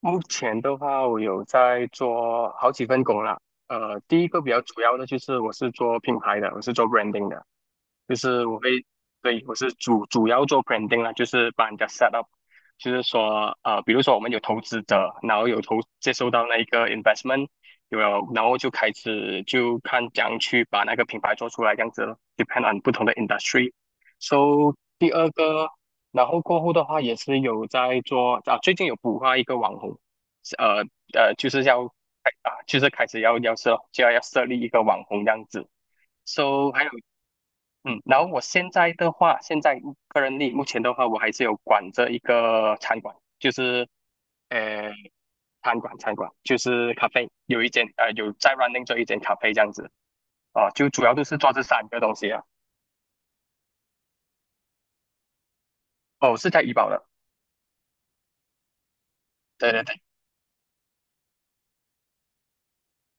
目前的话，我有在做好几份工啦。第一个比较主要的就是我是做品牌的，我是做 branding 的。就是我会，对，我是主要做 branding 啦，就是帮人家 set up，就是说，比如说我们有投资者，然后有接收到那一个 investment，有了，然后就开始就看怎样去把那个品牌做出来，这样子咯，depend on 不同的 industry。So 第二个，然后过后的话也是有在做啊，最近有孵化一个网红，呃就是要啊，就是开始要设立一个网红这样子。So 还有然后我现在的话，现在个人力目前的话，我还是有管着一个餐馆，就是呃，餐馆就是咖啡，有一间有在 running 做一间咖啡这样子啊，就主要都是做这三个东西啊。哦，是在怡保的，对对对，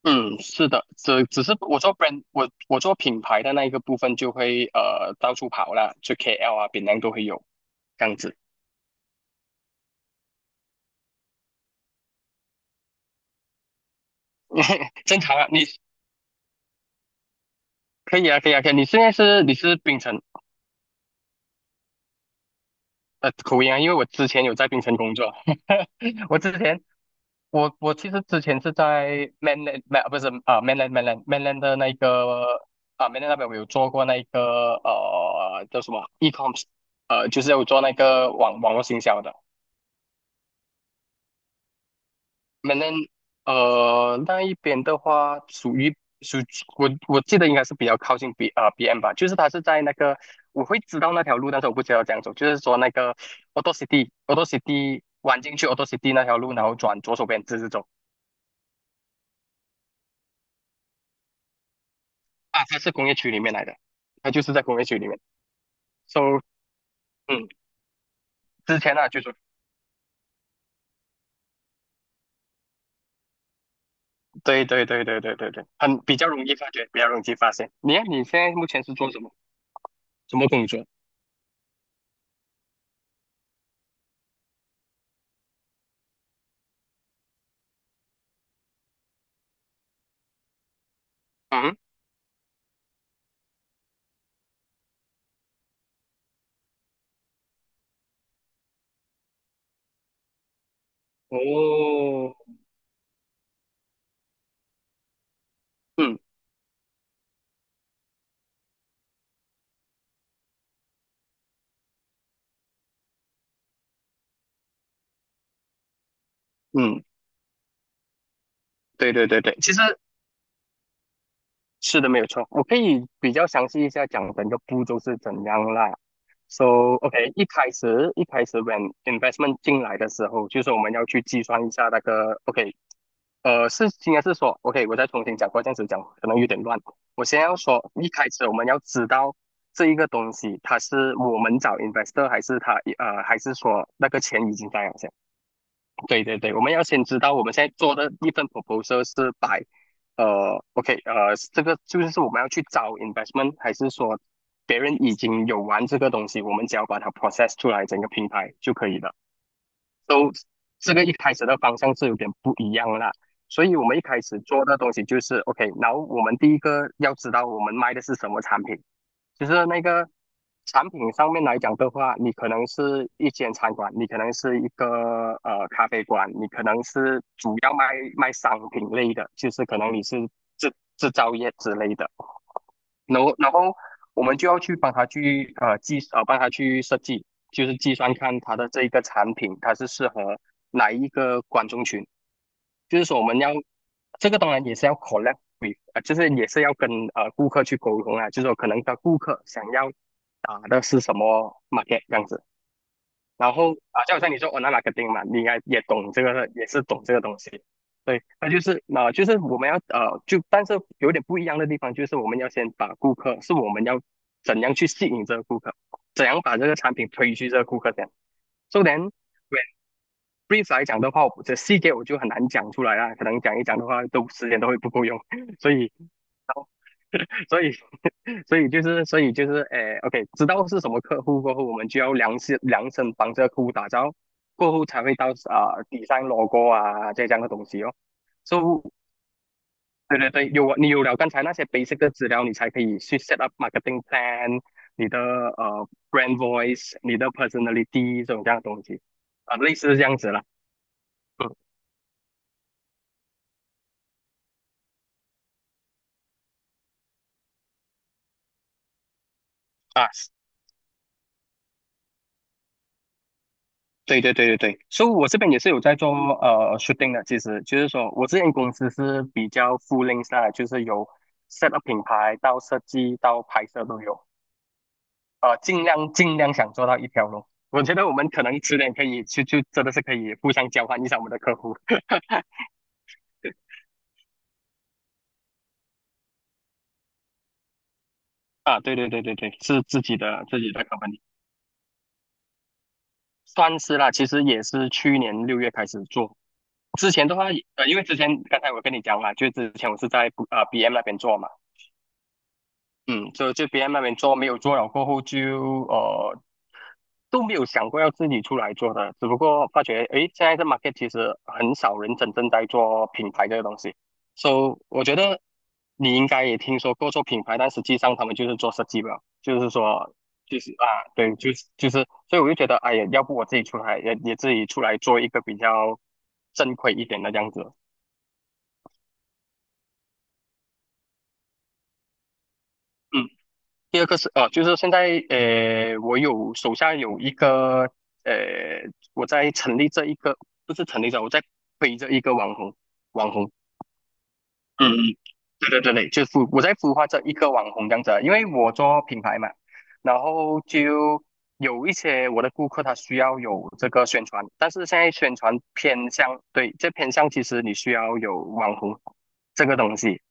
嗯，是的，只是我做 brand，我做品牌的那一个部分就会到处跑啦，就 KL 啊、槟榔都会有这样子。正常啊，你可以啊，可以啊，可以，你是槟城。口音啊，因为我之前有在槟城工作，我之前我其实之前是在 mainland， 没不是啊， mainland 的那个啊， mainland 那边我有做过那个叫什么 e-coms，就是有做那个网络行销的。m a 那一边的话，属于属我记得应该是比较靠近 BM 吧，就是它是在那个，我会知道那条路，但是我不知道怎样走，就是说那个 Auto City 弯进去 Auto City 那条路，然后转左手边直直走啊，它是工业区里面来的，它就是在工业区里面。So 嗯，之前呢就是对对对对对对对，很比较容易发觉，比较容易发现。你看你现在目前是做什么工作？嗯，哦，嗯嗯。对对对对，其实是的，没有错。我可以比较详细一下讲整个步骤是怎样啦。So OK，一开始，when investment 进来的时候，就是我们要去计算一下那个 OK。是应该是说 OK，我再重新讲过，这样子讲可能有点乱。我先要说，一开始我们要知道这一个东西，它是我们找 investor 还是还是说那个钱已经在了，对对对，我们要先知道我们现在做的一份 proposal 是摆，OK，这个就是我们要去找 investment，还是说别人已经有玩这个东西，我们只要把它 process 出来整个平台就可以了。都这个一开始的方向是有点不一样啦。所以我们一开始做的东西就是 OK，然后我们第一个要知道我们卖的是什么产品，就是那个产品上面来讲的话，你可能是一间餐馆，你可能是一个咖啡馆，你可能是主要卖商品类的，就是可能你是制造业之类的。然后我们就要去帮他去设计，就是计算看他的这一个产品它是适合哪一个观众群，就是说我们要这个当然也是要 collab with， 就是也是要跟顾客去沟通啊，就是说可能的顾客想要打的是什么 market 这样子。然后啊，就好像你说 o n l i n 嘛，你应该也懂这个，也是懂这个东西。对，那就是啊，就是我们要，就但是有点不一样的地方，就是我们要先把顾客，是我们要怎样去吸引这个顾客，怎样把这个产品推去这个顾客这样。So then, when brief 来讲的话，我这细节我就很难讲出来啦，可能讲一讲的话，都时间都会不够用，所以 所以，所以就是，诶，OK，知道是什么客户过后，我们就要量身量身帮这个客户打造，过后才会到啊、底上 logo 啊这样的东西哦。So，对对对，你有了刚才那些 basic 的资料，你才可以去 set up marketing plan，你的brand voice，你的 personality 这种这样的东西啊、类似这样子了。嗯啊，对对对对对，所以我这边也是有在做shooting 的，其实就是说我之前公司是比较 full i n g t h 的，就是由 set up 品牌到设计到拍摄都有，尽量尽量想做到一条龙。我觉得我们可能迟点可以去就真的是可以互相交换一下我们的客户啊，对对对对对，是自己的 company，算是啦，其实也是去年六月开始做，之前的话，因为之前刚才我跟你讲了，就之前我是在BM 那边做嘛。嗯，就别人那边做没有做了过后就都没有想过要自己出来做的，只不过发觉诶，现在这 market 其实很少人真正在做品牌这个东西，so 我觉得你应该也听说过做品牌，但实际上他们就是做设计吧，就是说就是啊，对，就是，所以我就觉得哎呀，要不我自己出来也自己出来做一个比较正规一点的这样子。嗯。第二个是，就是现在，我有手下有一个呃，我在成立这一个，不是成立这，我在推这一个网红，网红，嗯，嗯，对对对对，就是我在孵化这一个网红这样子啊，因为我做品牌嘛，然后就有一些我的顾客他需要有这个宣传，但是现在宣传偏向，对，这偏向其实你需要有网红这个东西，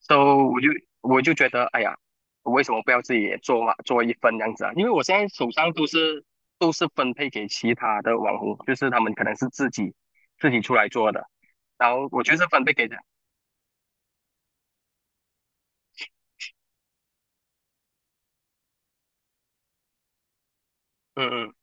so 我就我就觉得，哎呀，为什么不要自己也做嘛，做一份这样子啊？因为我现在手上都是分配给其他的网红，就是他们可能是自己出来做的，然后我就是分配给的，嗯嗯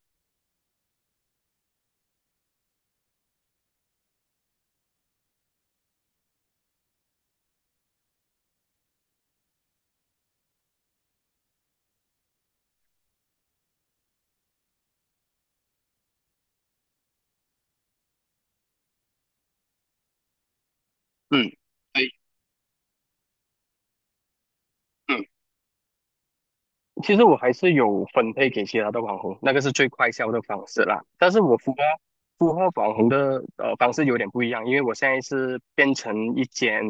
嗯，对，嗯其实我还是有分配给其他的网红，那个是最快销的方式啦。但是我孵化网红的方式有点不一样，因为我现在是变成一间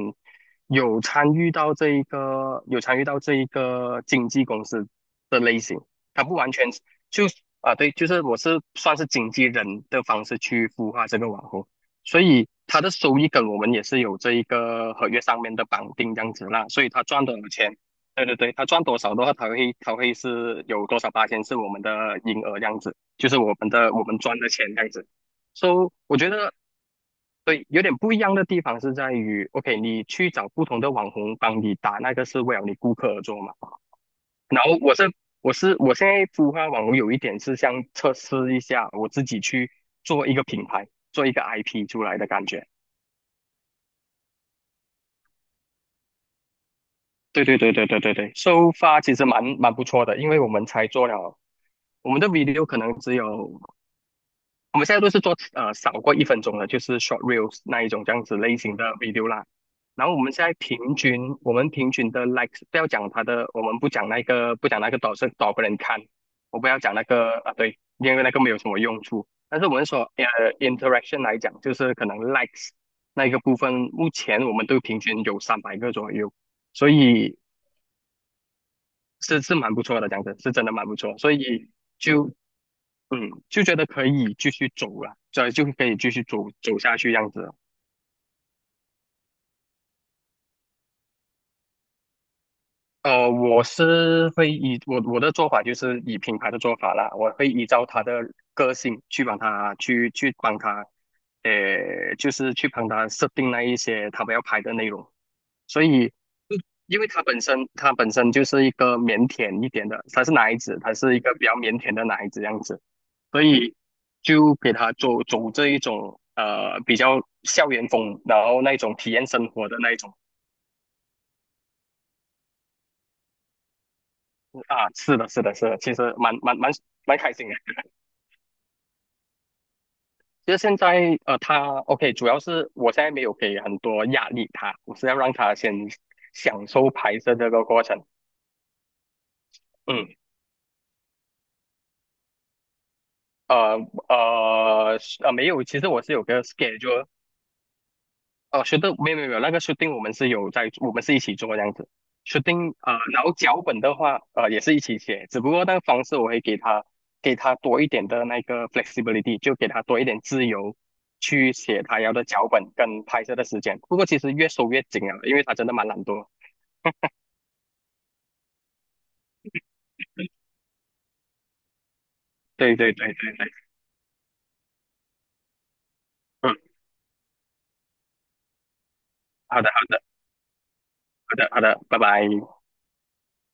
有参与到这一个经纪公司的类型，它不完全是就对，就是我是算是经纪人的方式去孵化这个网红，所以它的收益跟我们也是有这一个合约上面的绑定这样子啦，所以他赚的钱。对对对，他赚多少的话，他会是有多少八千是我们的营额这样子，就是我们赚的钱这样子。So 我觉得对，有点不一样的地方是在于，OK,你去找不同的网红帮你打那个是为了你顾客而做嘛。然后我现在孵化网红有一点是像测试一下我自己去做一个品牌，做一个 IP 出来的感觉。对对对对对对对，收发其实蛮不错的，因为我们才做了，我们的 video 可能只有我们现在都是做少过一分钟的，就是 short reels 那一种这样子类型的 video 啦。然后我们现在平均，我们平均的 likes 不要讲它的，我们不讲那个多少多少个人看，我不要讲那个啊，对，因为那个没有什么用处。但是我们说interaction 来讲，就是可能 likes 那一个部分，目前我们都平均有三百个左右，所以是蛮不错的，讲的是真的蛮不错，所以。就嗯，就觉得可以继续走了，这就可以继续走下去样子。我是会以我的做法就是以品牌的做法啦，我会依照他的个性去帮他，就是去帮他设定那一些他们要拍的内容。所以，嗯因为他本身就是一个腼腆一点的，他是男孩子，他是一个比较腼腆的男孩子样子。所以就给他走这一种比较校园风，然后那种体验生活的那一种啊，是的，是的，是的，其实蛮开心的。其实现在他 OK,主要是我现在没有给很多压力他，我是要让他先享受拍摄这个过程。嗯，呃没有，其实我是有个 schedule,是的，没有没有没有那个 shooting 我们是有在，我们是一起做这样子。Shooting 然后脚本的话，也是一起写，只不过那个方式我会给他多一点的那个 flexibility,就给他多一点自由去写他要的脚本跟拍摄的时间。不过其实越收越紧啊，因为他真的蛮懒惰。对对对对，嗯，好的好的好的好的，拜拜。